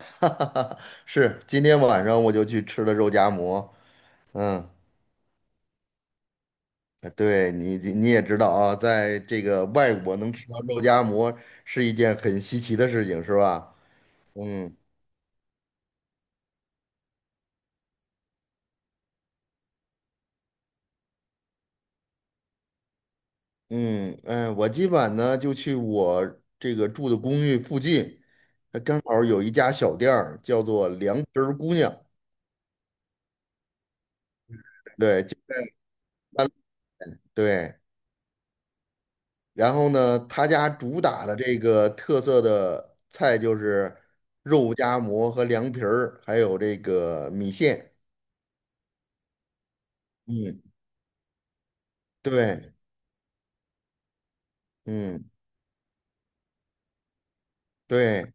哈哈哈，是，今天晚上我就去吃了肉夹馍。嗯，哎对你也知道啊，在这个外国能吃到肉夹馍是一件很稀奇的事情，是吧？嗯嗯嗯，我今晚呢就去我这个住的公寓附近，它刚好有一家小店儿叫做"凉皮儿姑娘"，对，就在三对。然后呢，他家主打的这个特色的菜就是肉夹馍和凉皮儿，还有这个米线。嗯，对，嗯，对，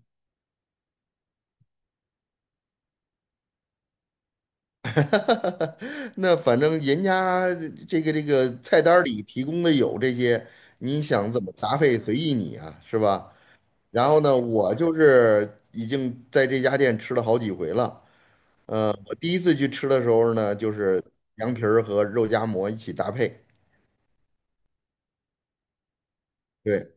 那反正人家这个菜单儿里提供的有这些，你想怎么搭配随意你啊，是吧？然后呢，我就是已经在这家店吃了好几回了。我第一次去吃的时候呢，就是凉皮儿和肉夹馍一起搭配。对。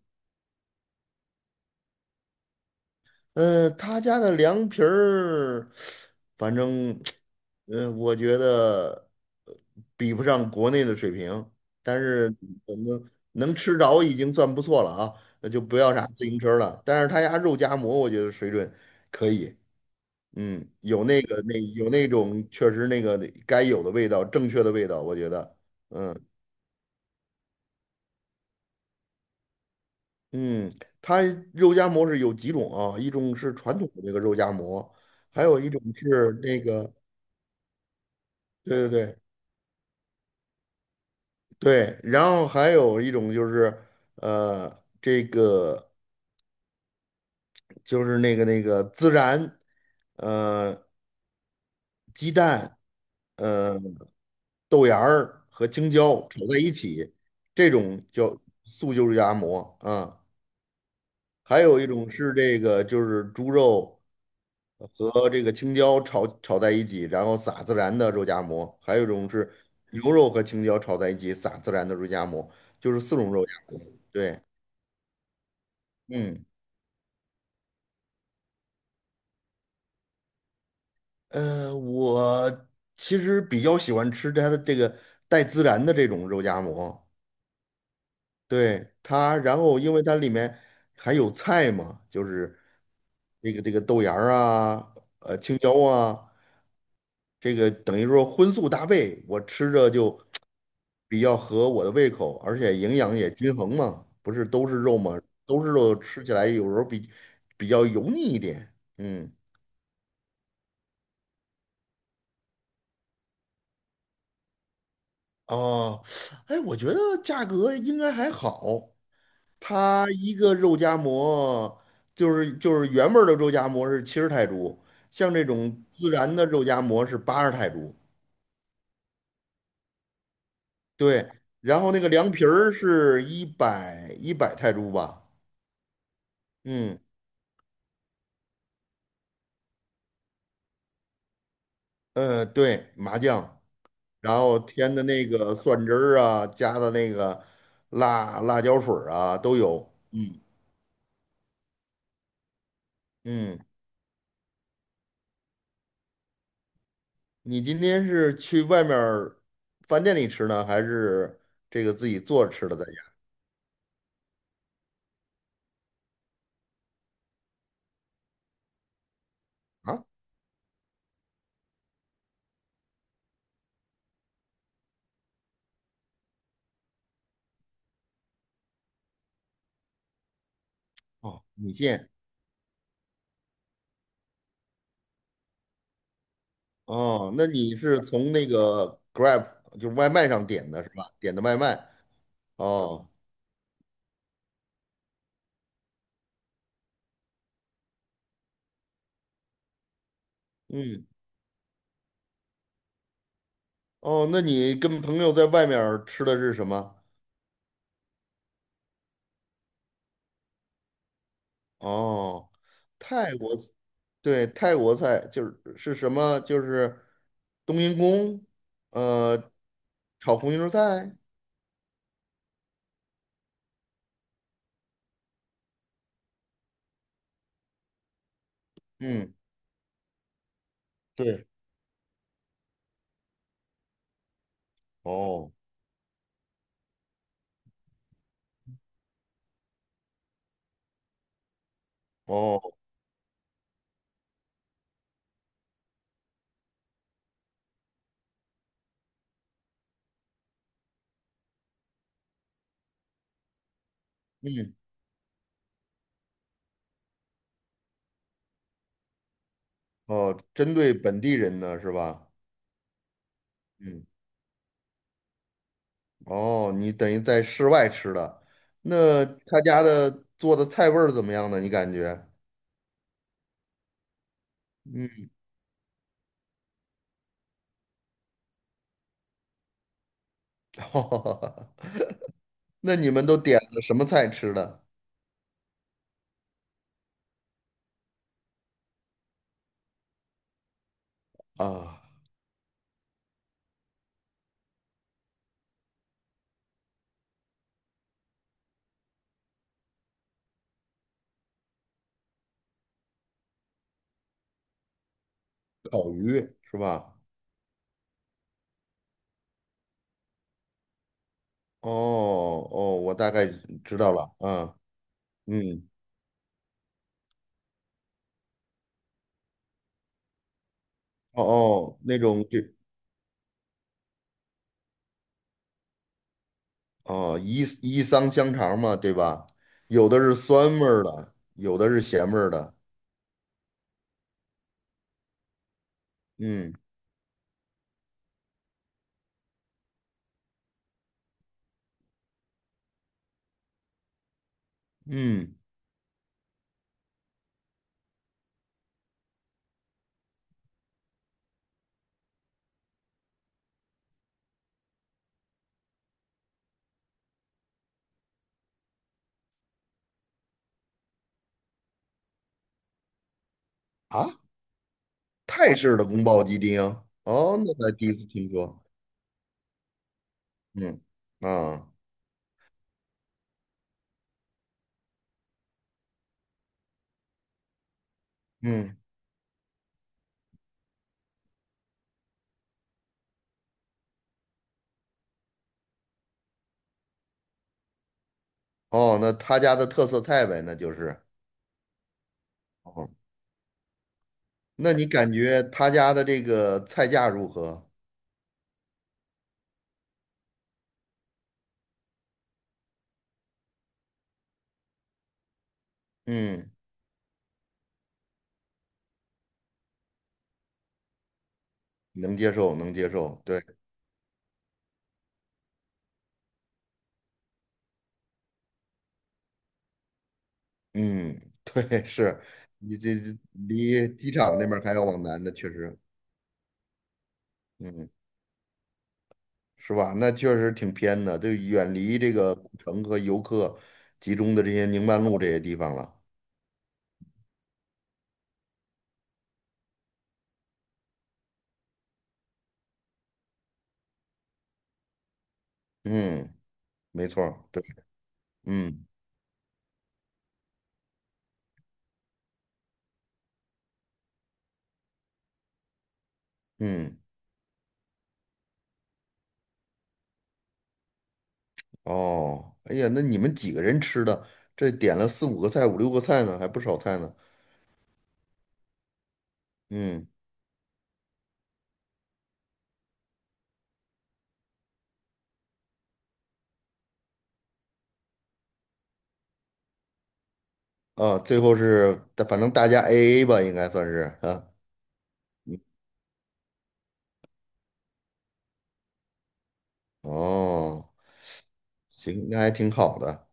他家的凉皮儿，反正，我觉得呃比不上国内的水平，但是能吃着已经算不错了啊，那就不要啥自行车了。但是他家肉夹馍，我觉得水准可以，嗯，有那个那有那种确实那个该有的味道，正确的味道，我觉得，嗯嗯，他肉夹馍是有几种啊，一种是传统的那个肉夹馍。还有一种是那个对对对对，然后还有一种就是，这个就是那个孜然，呃，鸡蛋，呃，豆芽儿和青椒炒在一起，这种叫素就是夹馍啊。还有一种是这个就是猪肉和这个青椒炒在一起，然后撒孜然的肉夹馍。还有一种是牛肉和青椒炒在一起撒孜然的肉夹馍，就是四种肉夹馍。对，嗯。我其实比较喜欢吃它的这个带孜然的这种肉夹馍，对它，然后因为它里面还有菜嘛，就是这个豆芽儿啊，青椒啊，这个等于说荤素搭配，我吃着就 比较合我的胃口，而且营养也均衡嘛，不是都是肉嘛，都是肉，吃起来有时候比较油腻一点，嗯，哦，哎，我觉得价格应该还好。它一个肉夹馍就是原味儿的肉夹馍是70泰铢，像这种孜然的肉夹馍是80泰铢。对，然后那个凉皮儿是一百泰铢吧？嗯对，麻酱，然后添的那个蒜汁儿啊，加的那个辣椒水儿啊都有。嗯嗯，你今天是去外面儿饭店里吃呢，还是这个自己做着吃的在家啊？哦，米线。哦，那你是从那个 Grab 就是外卖上点的是吧？点的外卖。哦，嗯，哦，那你跟朋友在外面儿吃的是什么？哦，泰国，对，泰国菜就是是什么？就是冬阴功，呃，炒红油菜。嗯，对。哦，哦，嗯，哦，针对本地人的是吧？嗯。哦，你等于在室外吃的，那他家的做的菜味儿怎么样呢？你感觉？嗯，那你们都点了什么菜吃的啊？烤鱼是吧？哦哦，我大概知道了，啊，嗯，哦哦，那种就哦伊伊桑香肠嘛，对吧？有的是酸味儿的，有的是咸味儿的，嗯嗯，啊，泰式的宫保鸡丁，哦，那才第一次听说。嗯啊嗯哦，那他家的特色菜呗，那就是哦。那你感觉他家的这个菜价如何？嗯，能接受，能接受。对，嗯，对，是你这离机场那边儿还要往南的，确实，嗯，是吧？那确实挺偏的，就远离这个古城和游客集中的这些宁曼路这些地方了。嗯，没错儿，对，嗯嗯。哦，哎呀，那你们几个人吃的？这点了四五个菜，五六个菜呢，还不少菜呢。嗯，啊，最后是，反正大家 AA 吧，应该算是啊。哦，行，那还挺好的。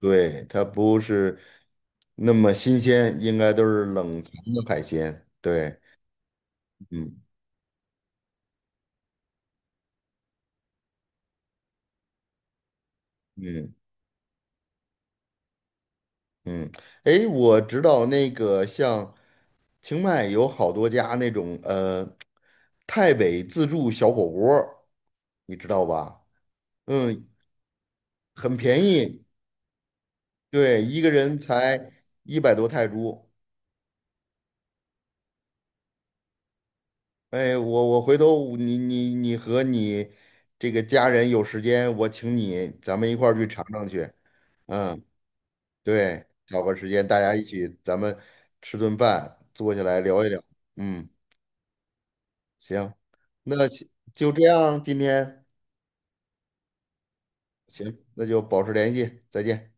对，它不是那么新鲜，应该都是冷藏的海鲜。对，嗯嗯嗯。哎，我知道那个像清迈有好多家那种泰北自助小火锅儿你知道吧？嗯，很便宜，对，一个人才100多泰铢。哎，我回头你和你这个家人有时间，我请你，咱们一块儿去尝尝去。嗯，对，找个时间大家一起，咱们吃顿饭，坐下来聊一聊。嗯，行，那就这样，今天行，那就保持联系，再见。